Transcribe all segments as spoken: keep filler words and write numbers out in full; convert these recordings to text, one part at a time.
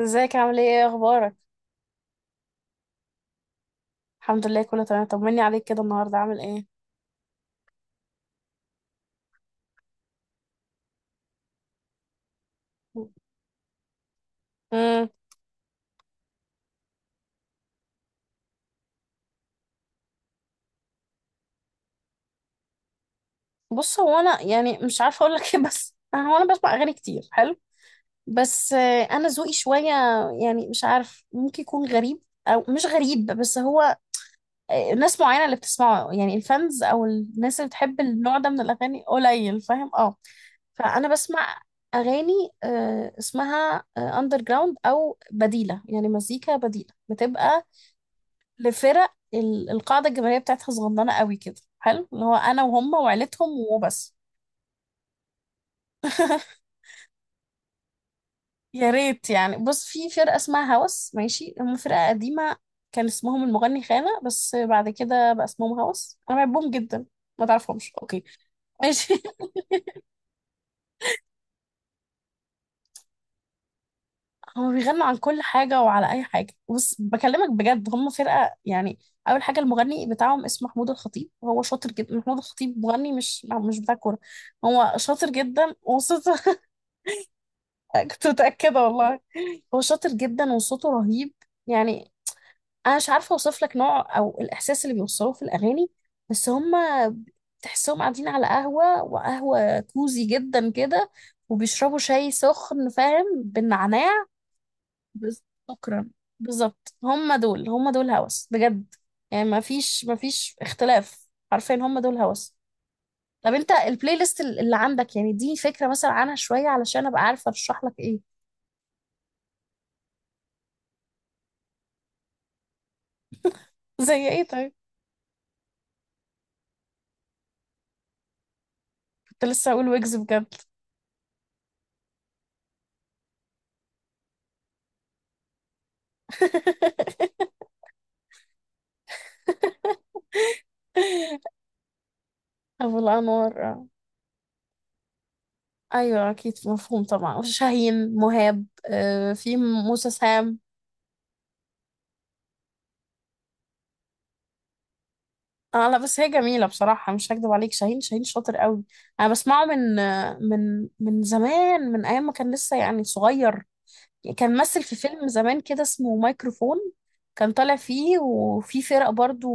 ازيك؟ عامل ايه؟ ايه اخبارك؟ الحمد لله، كله تمام. طمني عليك، كده النهارده عامل ايه؟ امم بص، هو انا يعني مش عارفه اقول لك ايه، بس هو انا بسمع اغاني كتير. حلو. بس آه، انا ذوقي شويه. يعني مش عارف، ممكن يكون غريب او مش غريب، بس هو آه، ناس معينه اللي بتسمعه، يعني الفانز او الناس اللي بتحب النوع ده من الاغاني قليل. فاهم؟ اه. فانا بسمع اغاني آه، اسمها اندر جراوند او بديله، يعني مزيكا بديله بتبقى لفرق ال- القاعدة الجماهيرية بتاعتها صغننة قوي كده. حلو، اللي هو انا وهم وعيلتهم وبس. يا ريت يعني، بص، في فرقة اسمها هوس، ماشي؟ هم فرقة قديمة. كان اسمهم المغني خانة، بس بعد كده بقى اسمهم هوس. انا بحبهم جدا. ما تعرفهمش؟ اوكي، ماشي. هم بيغنوا عن كل حاجة وعلى اي حاجة. بص، بكلمك بجد، هم فرقة يعني. اول حاجة، المغني بتاعهم اسمه محمود الخطيب، وهو شاطر جدا. محمود الخطيب مغني، مش مش بتاع كورة. هو شاطر جدا وصوته. كنت متأكدة والله. هو شاطر جدا وصوته رهيب، يعني. أنا مش عارفة أوصف لك نوع أو الإحساس اللي بيوصلوه في الأغاني، بس هما تحسهم قاعدين على قهوة، وقهوة كوزي جدا كده، وبيشربوا شاي سخن، فاهم، بالنعناع. بس- شكرا. بالظبط، هما دول هما دول هوس بجد. يعني ما فيش ما فيش اختلاف. عارفين؟ هما دول هوس. طب انت البلاي ليست اللي عندك، يعني دي فكرة مثلا عنها شوية، علشان ابقى عارفة ارشح لك ايه؟ زي ايه طيب؟ كنت لسه اقول ويجز بجد. ابو الانوار، آه. ايوه، اكيد مفهوم طبعا. شاهين، مهاب، آه، في موسى، سام. اه، لا، بس هي جميله بصراحه، مش هكدب عليك. شاهين، شاهين شاطر قوي. انا بسمعه من آه، من من زمان، من ايام ما كان لسه يعني صغير. كان مثل في فيلم زمان كده اسمه مايكروفون. كان طالع فيه، وفي فرق برضو.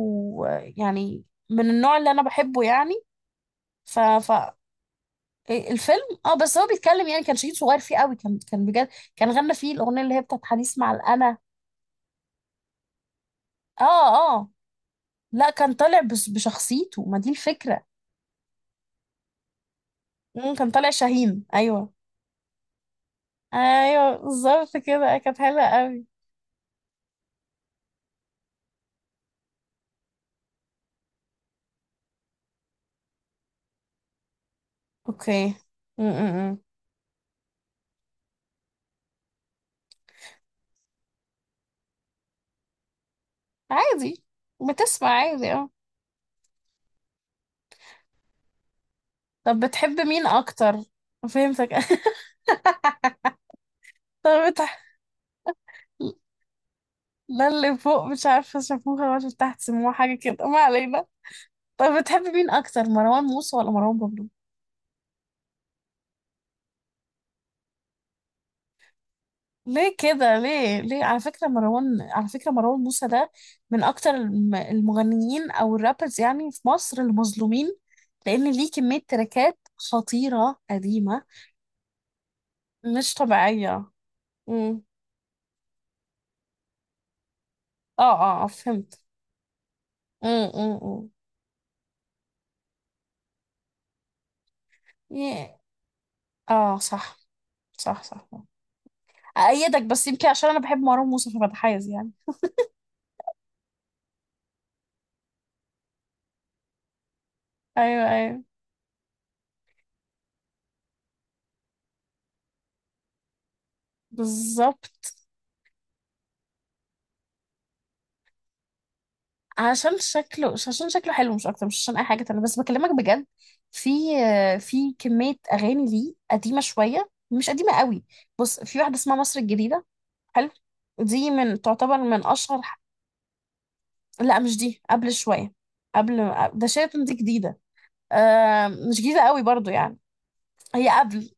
آه، يعني من النوع اللي انا بحبه يعني. ف... ف إيه، الفيلم. اه، بس هو بيتكلم يعني، كان شهيد صغير فيه قوي، كان كان بجد. كان غنى فيه الاغنيه اللي هي بتاعت حديث مع الانا. اه، اه، لا، كان طالع بس بشخصيته، ما دي الفكره. مم، كان طالع شاهين، ايوه. ايوه، بالظبط كده، كانت حلوه قوي. اوكي. امم عادي. بتسمع عادي، اه. طب بتحب مين اكتر؟ فهمتك. طب بتح... لا، اللي فوق مش عارفه شافوها ولا تحت سموها، حاجه كده، ما علينا. طب بتحب مين اكتر، مروان موسى ولا مروان بابلو؟ ليه كده؟ ليه ليه؟ على فكرة مروان، على فكرة مروان موسى ده من أكتر الم- المغنيين أو الرابرز، يعني في مصر، المظلومين. لأن ليه كمية تراكات خطيرة قديمة مش طبيعية. امم اه، اه، آه، فهمت. امم امم يه. اه، صح، صح، صح. أأيدك، بس يمكن عشان أنا بحب مروان موسى فبتحيز يعني. أيوه، أيوه، بالظبط. عشان شكله، مش عشان شكله حلو، مش اكتر، مش عشان اي حاجه تانية، بس بكلمك بجد. في في كميه اغاني ليه قديمه شويه، مش قديمه قوي. بص، في واحده اسمها مصر الجديده. حلو. دي من تعتبر من اشهر. ح- لا، مش دي، قبل شويه. قبل ده، شايف؟ دي جديده. آه مش جديده قوي برضو يعني. هي قبل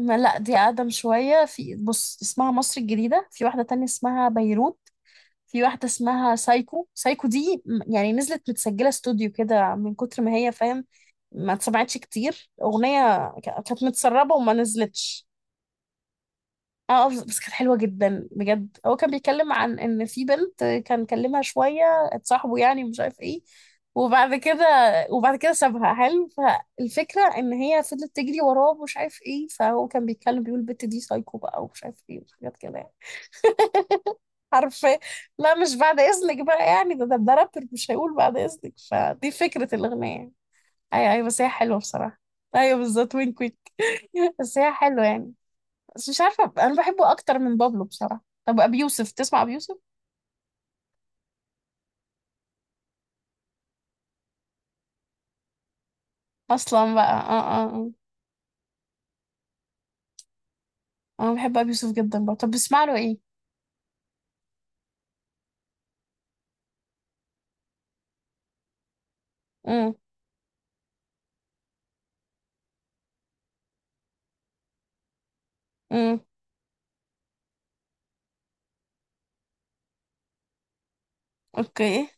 ما، لا، دي اقدم شويه. في، بص، اسمها مصر الجديده. في واحده تانية اسمها بيروت. في واحدة اسمها سايكو. سايكو دي م- يعني نزلت متسجلة استوديو كده من كتر ما هي، فاهم. ما اتسمعتش كتير. أغنية ك- كانت متسربة وما نزلتش. اه، بس بس كانت حلوة جدا بجد. هو كان بيتكلم عن ان في بنت كان كلمها شوية، اتصاحبوا يعني، مش عارف ايه، وبعد كده، وبعد كده سابها. حلو، فالفكرة ان هي فضلت تجري وراه، ومش عارف ايه، فهو كان بيتكلم بيقول البت دي سايكو بقى، ومش عارف ايه، وحاجات كده يعني. عارفة. لا، مش بعد إذنك بقى يعني. ده ده, ده رابر مش هيقول بعد إذنك، فدي فكرة الأغنية يعني. أيوة، أيوة، بس هي حلوة بصراحة. أيوة بالظبط، وين كويك. بس هي حلوة يعني. بس مش عارفة، أنا بحبه أكتر من بابلو بصراحة. طب أبي يوسف، تسمع أبي يوسف؟ أصلا بقى، آه، آه، آه. أنا بحب أبي يوسف جدا بقى. طب بسمع له إيه؟ امم امم أوكي،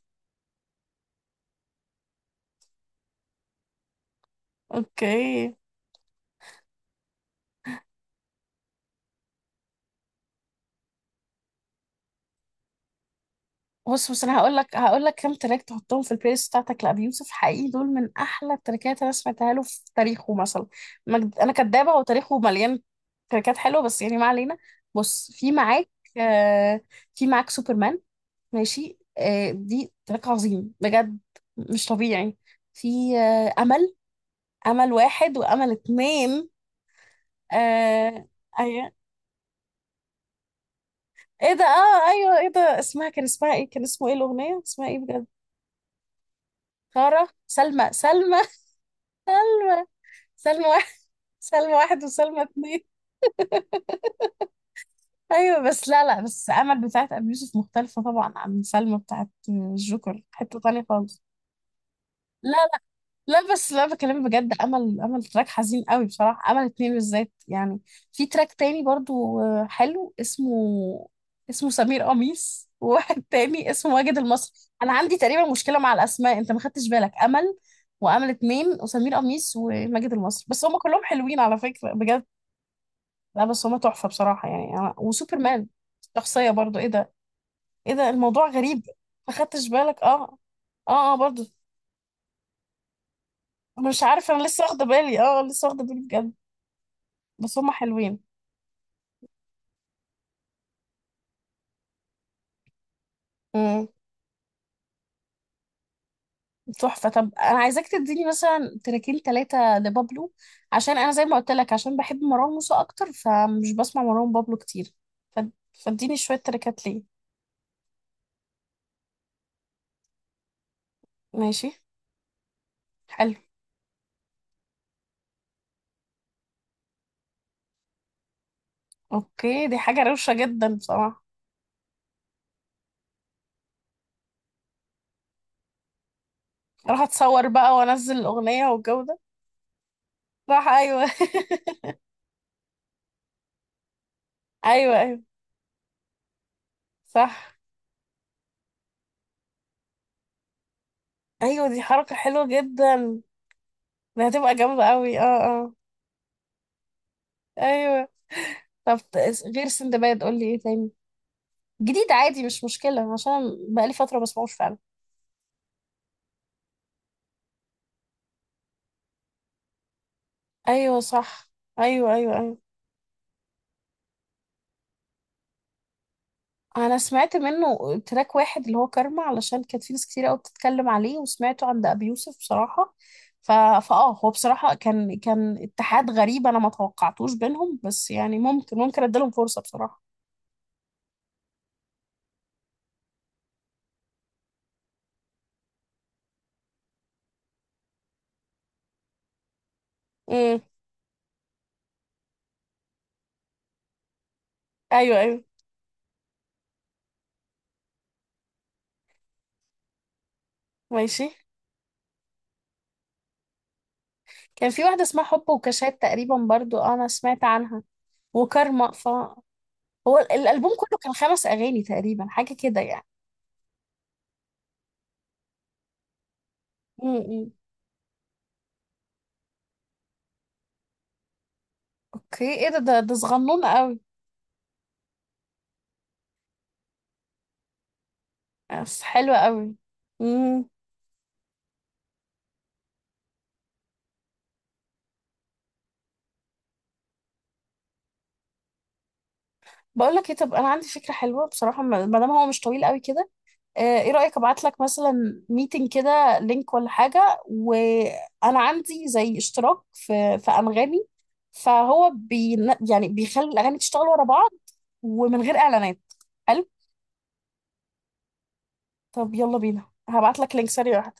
أوكي. بص بص، انا هقول لك هقول لك كام تراك تحطهم في البلاي ليست بتاعتك لابي يوسف. حقيقي دول من احلى التراكات انا سمعتها له في تاريخه، مثلا. مجد... انا كدابه، وتاريخه مليان تراكات حلوه، بس يعني ما علينا. بص، في معاك آه في معاك سوبرمان. ماشي، آه دي تراك عظيم بجد. مش طبيعي. في آه امل امل واحد وامل اتنين. آه ايوه، ايه ده، اه، ايوه، ايه ده، اسمها، كان اسمها ايه، كان اسمه ايه الاغنيه، اسمها ايه بجد. سارة، سلمى، سلمى. سلمى، سلمى واحد، سلمى واحد وسلمى اتنين. ايوه، بس، لا، لا، بس امل بتاعت ابي يوسف مختلفه طبعا عن سلمى بتاعت الجوكر، حته تانية خالص. لا، لا، لا، بس لا، بكلم بجد، امل، امل تراك حزين قوي بصراحه، امل اتنين بالذات يعني. في تراك تاني برضو، آه، حلو، اسمه، اسمه سمير قميص، وواحد تاني اسمه واجد المصري. انا عندي تقريبا مشكله مع الاسماء. انت ما خدتش بالك؟ امل وامل اتنين وسمير قميص وماجد المصري، بس هم كلهم حلوين على فكره بجد. لا، بس هما تحفة بصراحة يعني. أنا وسوبرمان شخصية برضو. إيه ده، إيه ده، الموضوع غريب. ما خدتش بالك؟ أه، أه، أه، برضو. مش عارف، أنا لسه واخدة بالي، أه، لسه واخدة بالي بجد. بس هما حلوين. امم تحفة. طب أنا عايزاك تديني مثلا تراكين تلاتة لبابلو، عشان أنا زي ما قلت لك، عشان بحب مروان موسى أكتر، فمش بسمع مروان بابلو كتير. ف- فاديني شوية تراكات ليه. ماشي، حلو، أوكي. دي حاجة روشة جدا بصراحة. أروح أتصور بقى وأنزل الأغنية والجو ده. صح، ايوه. ايوه، ايوه، صح، ايوه، دي حركة حلوة جدا. ده هتبقى جامدة قوي، اه، اه، ايوه. طب، ت- غير سندباد قول لي ايه تاني، جديد عادي مش مشكلة، عشان بقالي فترة بسمعوش فعلا. ايوه، صح، ايوه، ايوه، ايوه. انا سمعت منه تراك واحد اللي هو كارما، علشان كانت في ناس كتير قوي بتتكلم عليه، وسمعته عند ابي يوسف بصراحة. ف... فاه هو بصراحة كان كان اتحاد غريب، انا ما توقعتوش بينهم، بس يعني ممكن ممكن اديلهم فرصة بصراحة. امم ايوه، ايوه، ماشي. كان في واحدة اسمها حب وكاشات تقريبا برضو، آه، أنا سمعت عنها وكارما. ف هو ال- الألبوم كله كان خمس أغاني تقريبا، حاجة كده يعني. امم أوكي، إيه ده، ده ده صغنون قوي. بس حلوة قوي. امم بقول لك إيه، طب أنا عندي فكرة حلوة بصراحة، ما ما دام هو مش طويل قوي كده. آه، ايه رأيك، ابعت لك مثلا ميتنج كده، لينك ولا حاجة، وانا عندي زي اشتراك في في انغامي. فهو بي يعني بيخلي الاغاني تشتغل ورا بعض، ومن غير اعلانات. حلو. طب، يلا بينا، هبعت لك لينك سريع.